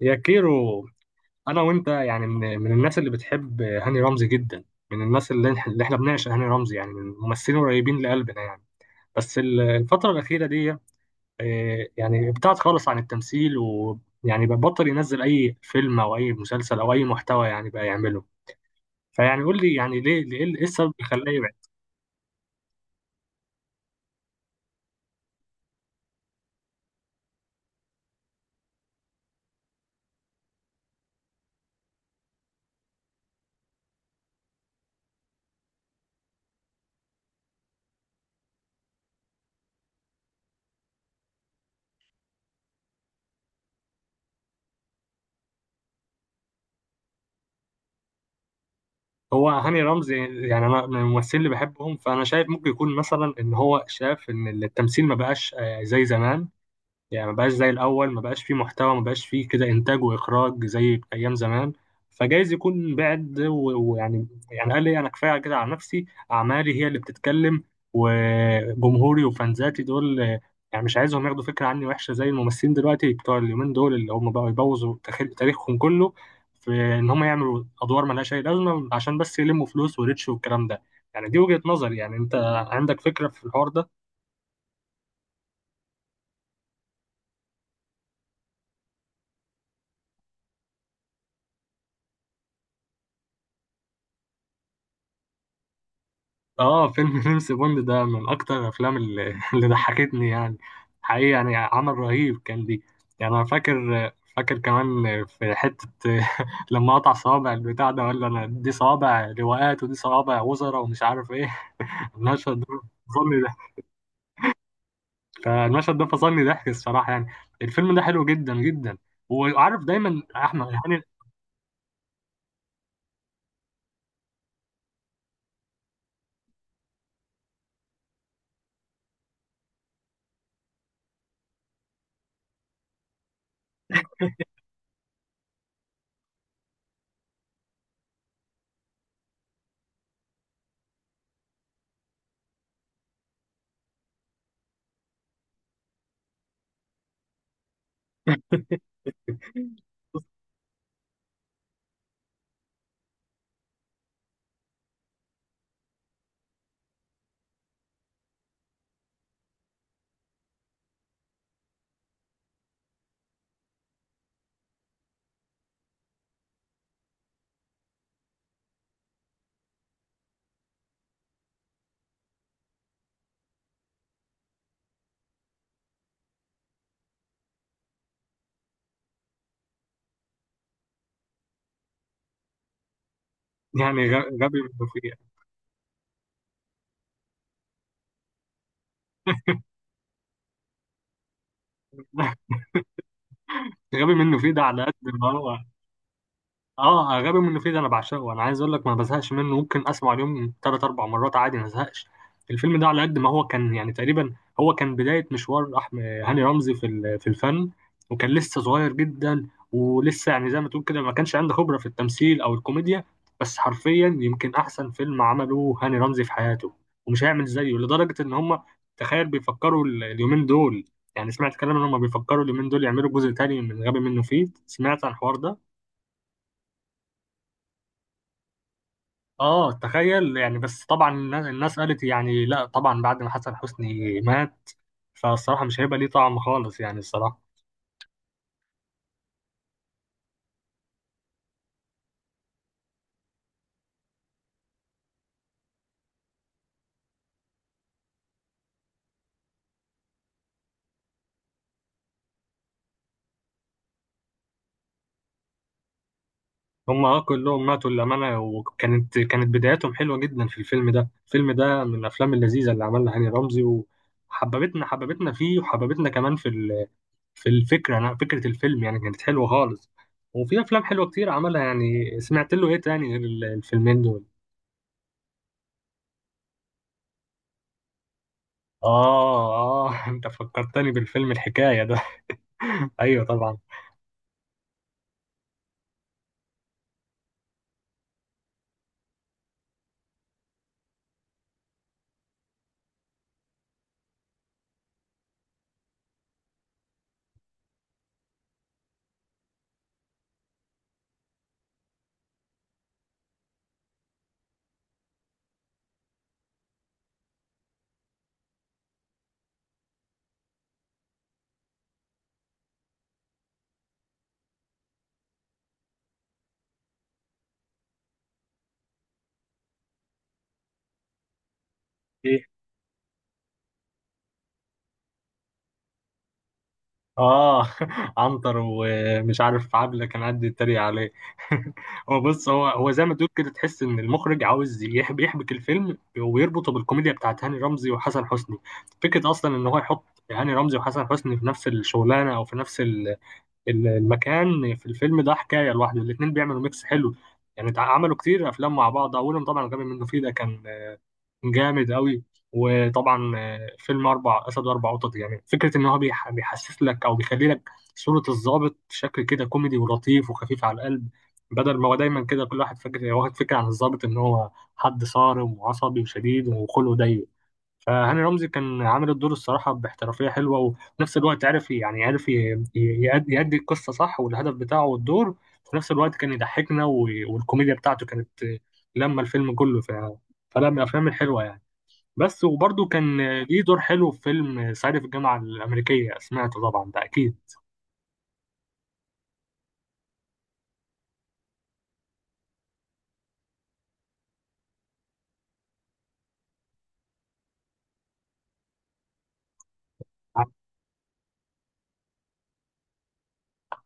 يا كيرو، انا وانت يعني من الناس اللي بتحب هاني رمزي جدا. من الناس اللي احنا بنعشق هاني رمزي، يعني من الممثلين قريبين لقلبنا يعني. بس الفترة الأخيرة دي يعني ابتعد خالص عن التمثيل، ويعني بقى بطل ينزل أي فيلم أو أي مسلسل أو أي محتوى يعني بقى يعمله. فيعني قول لي يعني إيه السبب اللي خلاه يبعد؟ هو هاني رمزي يعني أنا من الممثلين اللي بحبهم، فأنا شايف ممكن يكون مثلا إن هو شاف إن التمثيل ما بقاش زي زمان. يعني ما بقاش زي الاول، ما بقاش فيه محتوى، ما بقاش فيه كده انتاج واخراج زي ايام زمان. فجايز يكون بعد و- ويعني يعني قال لي انا كفايه كده على نفسي، اعمالي هي اللي بتتكلم وجمهوري وفانزاتي دول. يعني مش عايزهم ياخدوا فكره عني وحشه زي الممثلين دلوقتي بتوع اليومين دول، اللي هم بقوا يبوظوا تاريخهم كله في ان هم يعملوا ادوار ملهاش اي لازمه عشان بس يلموا فلوس وريتش والكلام ده. يعني دي وجهه نظري، يعني انت عندك فكره في الحوار ده؟ اه، فيلم جيمس بوند ده من اكتر الافلام اللي ضحكتني يعني. حقيقي يعني عمل رهيب كان دي. يعني انا فاكر، فاكر كمان في حتة لما قطع صوابع البتاع ده، ولا انا دي صوابع لواءات ودي صوابع وزراء ومش عارف ايه. المشهد ده فصلني ضحك. فالمشهد ده فصلني ضحك الصراحة يعني. الفيلم ده حلو جدا جدا. وعارف دايما احمد يعني. يعني غبي منه فيه. غبي منه فيه ده على قد ما هو. اه، غبي منه فيه ده انا بعشقه، انا عايز اقول لك ما بزهقش منه، ممكن اسمع اليوم ثلاث اربع مرات عادي ما ازهقش. الفيلم ده على قد ما هو كان يعني تقريبا هو كان بدايه مشوار احمد هاني رمزي في في الفن، وكان لسه صغير جدا، ولسه يعني زي ما تقول كده ما كانش عنده خبره في التمثيل او الكوميديا. بس حرفيا يمكن احسن فيلم عمله هاني رمزي في حياته، ومش هيعمل زيه، لدرجه ان هم تخيل بيفكروا اليومين دول. يعني سمعت كلام ان هم بيفكروا اليومين دول يعملوا جزء تاني من غبي منه فيه، سمعت عن الحوار ده؟ اه تخيل يعني. بس طبعا الناس، الناس قالت يعني لا طبعا بعد ما حسن حسني مات فالصراحة مش هيبقى ليه طعم خالص يعني الصراحة. هما كلهم ماتوا للأمانة، وكانت بداياتهم حلوة جدا في الفيلم ده. الفيلم ده من الأفلام اللذيذة اللي عملها هاني رمزي، وحببتنا فيه، وحببتنا كمان في في الفكرة. أنا فكرة الفيلم يعني كانت حلوة خالص، وفي أفلام حلوة كتير عملها يعني. سمعت له إيه تاني غير الفيلمين دول؟ آه آه أنت فكرتني بالفيلم الحكاية ده. أيوه طبعا. ايه اه. عنتر ومش عارف عبله كان قاعد يتريق عليه. هو بص، هو زي ما تقول كده تحس ان المخرج عاوز يحب يحبك الفيلم ويربطه بالكوميديا بتاعت هاني رمزي وحسن حسني. فكره اصلا ان هو يحط هاني رمزي وحسن حسني في نفس الشغلانه او في نفس المكان. في الفيلم ده حكايه لوحده، الاثنين بيعملوا ميكس حلو يعني. عملوا كتير افلام مع بعض، اولهم طبعا غبي منه فيه ده كان جامد قوي. وطبعا فيلم اربع اسد واربع قطط، يعني فكره ان هو بيحسس لك او بيخلي لك صوره الضابط شكل كده كوميدي ولطيف وخفيف على القلب، بدل ما هو دايما كده كل واحد فاكر واخد فكره عن الضابط ان هو حد صارم وعصبي وشديد وخلقه ضيق. فهاني رمزي كان عامل الدور الصراحه باحترافيه حلوه، وفي نفس الوقت عرف يعني عرف يأدي القصه صح، والهدف بتاعه والدور. في نفس الوقت كان يضحكنا، والكوميديا بتاعته كانت لما الفيلم كله. فلا، من الافلام الحلوه يعني. بس وبرضه كان ليه دور حلو في فيلم صعيدي في الجامعة الأمريكية، سمعته طبعا ده أكيد.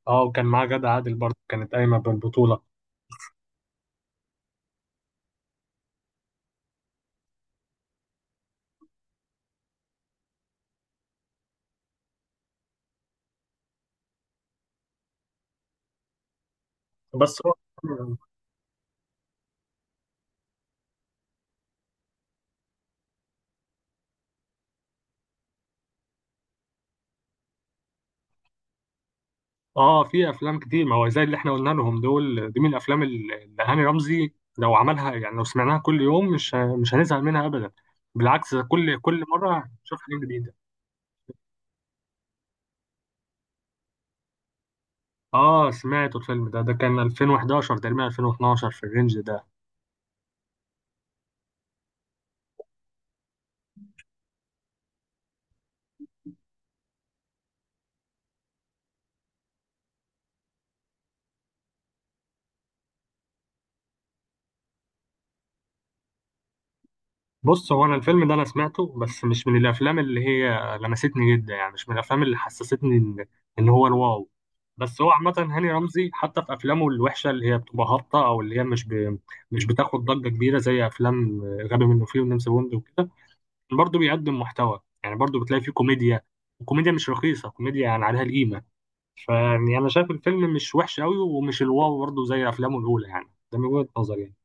اه، وكان معاه غادة عادل برضه كانت قايمة بالبطولة. بس هو اه في أفلام كتير، ما هو زي اللي احنا قلنا لهم دول، دي من الأفلام اللي هاني رمزي لو عملها، يعني لو سمعناها كل يوم، مش هنزهق منها أبدا. بالعكس، ده كل مرة نشوف حاجة جديدة. اه سمعته، الفيلم ده ده كان 2011 تقريبا 2012 في الرينج ده. بص، هو انا الفيلم ده انا سمعته بس مش من الافلام اللي هي لمستني جدا، يعني مش من الافلام اللي حسستني ان ان هو الواو. بس هو عامه هاني رمزي حتى في افلامه الوحشه اللي هي بتبقى هابطه او اللي هي مش بتاخد ضجه كبيره زي افلام غبي منه فيه ونمس بوند وكده، برضه بيقدم محتوى يعني، برضه بتلاقي فيه كوميديا. وكوميديا مش رخيصه، كوميديا يعني عليها القيمه. فيعني انا شايف الفيلم مش وحش قوي، ومش الواو برضه زي افلامه الاولى، يعني ده من وجهه نظري يعني.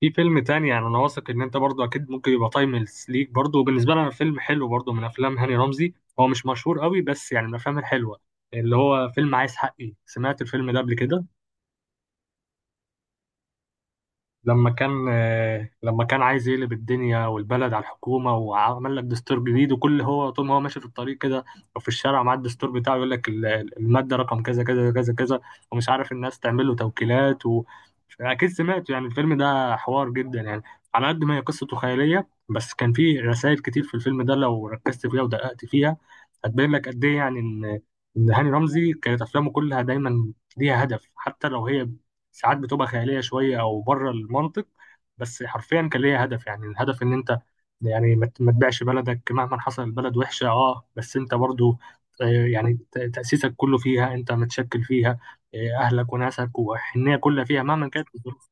في فيلم تاني يعني انا واثق ان انت برضو اكيد ممكن يبقى تايمليس ليك برضو، وبالنسبه لي انا فيلم حلو برضو من افلام هاني رمزي، هو مش مشهور قوي بس يعني من الافلام الحلوه، اللي هو فيلم عايز حقي، سمعت الفيلم ده قبل كده؟ لما كان لما كان عايز يقلب الدنيا والبلد على الحكومة، وعمل لك دستور جديد، وكل هو طول ما هو ماشي في الطريق كده أو في الشارع مع الدستور بتاعه يقول لك المادة رقم كذا كذا كذا كذا، ومش عارف الناس تعمل له توكيلات أكيد سمعت يعني. الفيلم ده حوار جدا يعني، على قد ما هي قصته خيالية، بس كان فيه رسائل كتير في الفيلم ده لو ركزت فيها ودققت فيها هتبين لك قد إيه يعني، إن هاني رمزي كانت أفلامه كلها دايما ليها هدف. حتى لو هي ساعات بتبقى خياليه شويه او بره المنطق، بس حرفيا كان ليها هدف، يعني الهدف ان انت يعني ما تبيعش بلدك مهما حصل، البلد وحشه اه بس انت برضو آه، يعني تاسيسك كله فيها، انت متشكل فيها، اهلك وناسك وحنيه كلها فيها مهما كانت الظروف.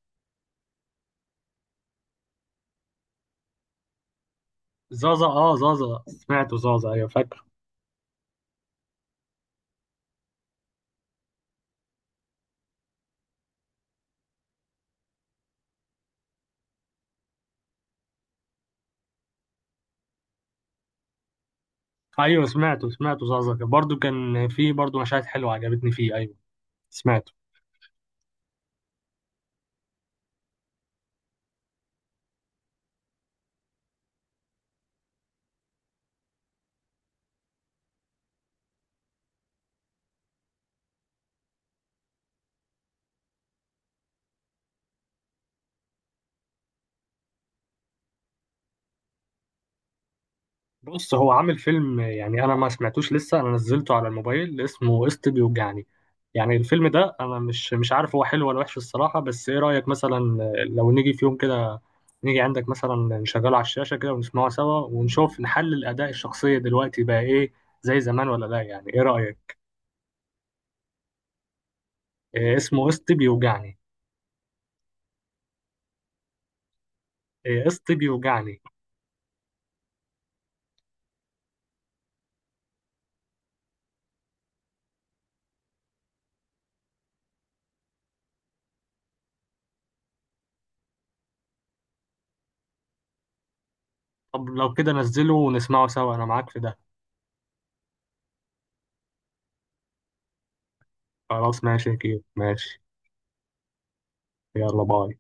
زازا، اه زازا سمعته، زازا ايوه فاكر. ايوه سمعته، سمعته زازا، برضو كان في برضو مشاهد حلوه عجبتني فيه، ايوه سمعت. بص هو عامل فيلم، يعني انا ما سمعتوش لسه، انا نزلته على الموبايل اسمه قسط بيوجعني. يعني الفيلم ده انا مش عارف هو حلو ولا وحش الصراحه، بس ايه رايك مثلا لو نيجي في يوم كده نيجي عندك مثلا نشغله على الشاشه كده ونسمعه سوا، ونشوف نحلل اداء الشخصيه دلوقتي بقى ايه، زي زمان ولا لا؟ يعني ايه رايك؟ إيه اسمه قسط بيوجعني. إيه قسط بيوجعني. طب لو كده نزله ونسمعه سوا، انا معاك في ده. خلاص ماشي كده، ماشي. يلا باي.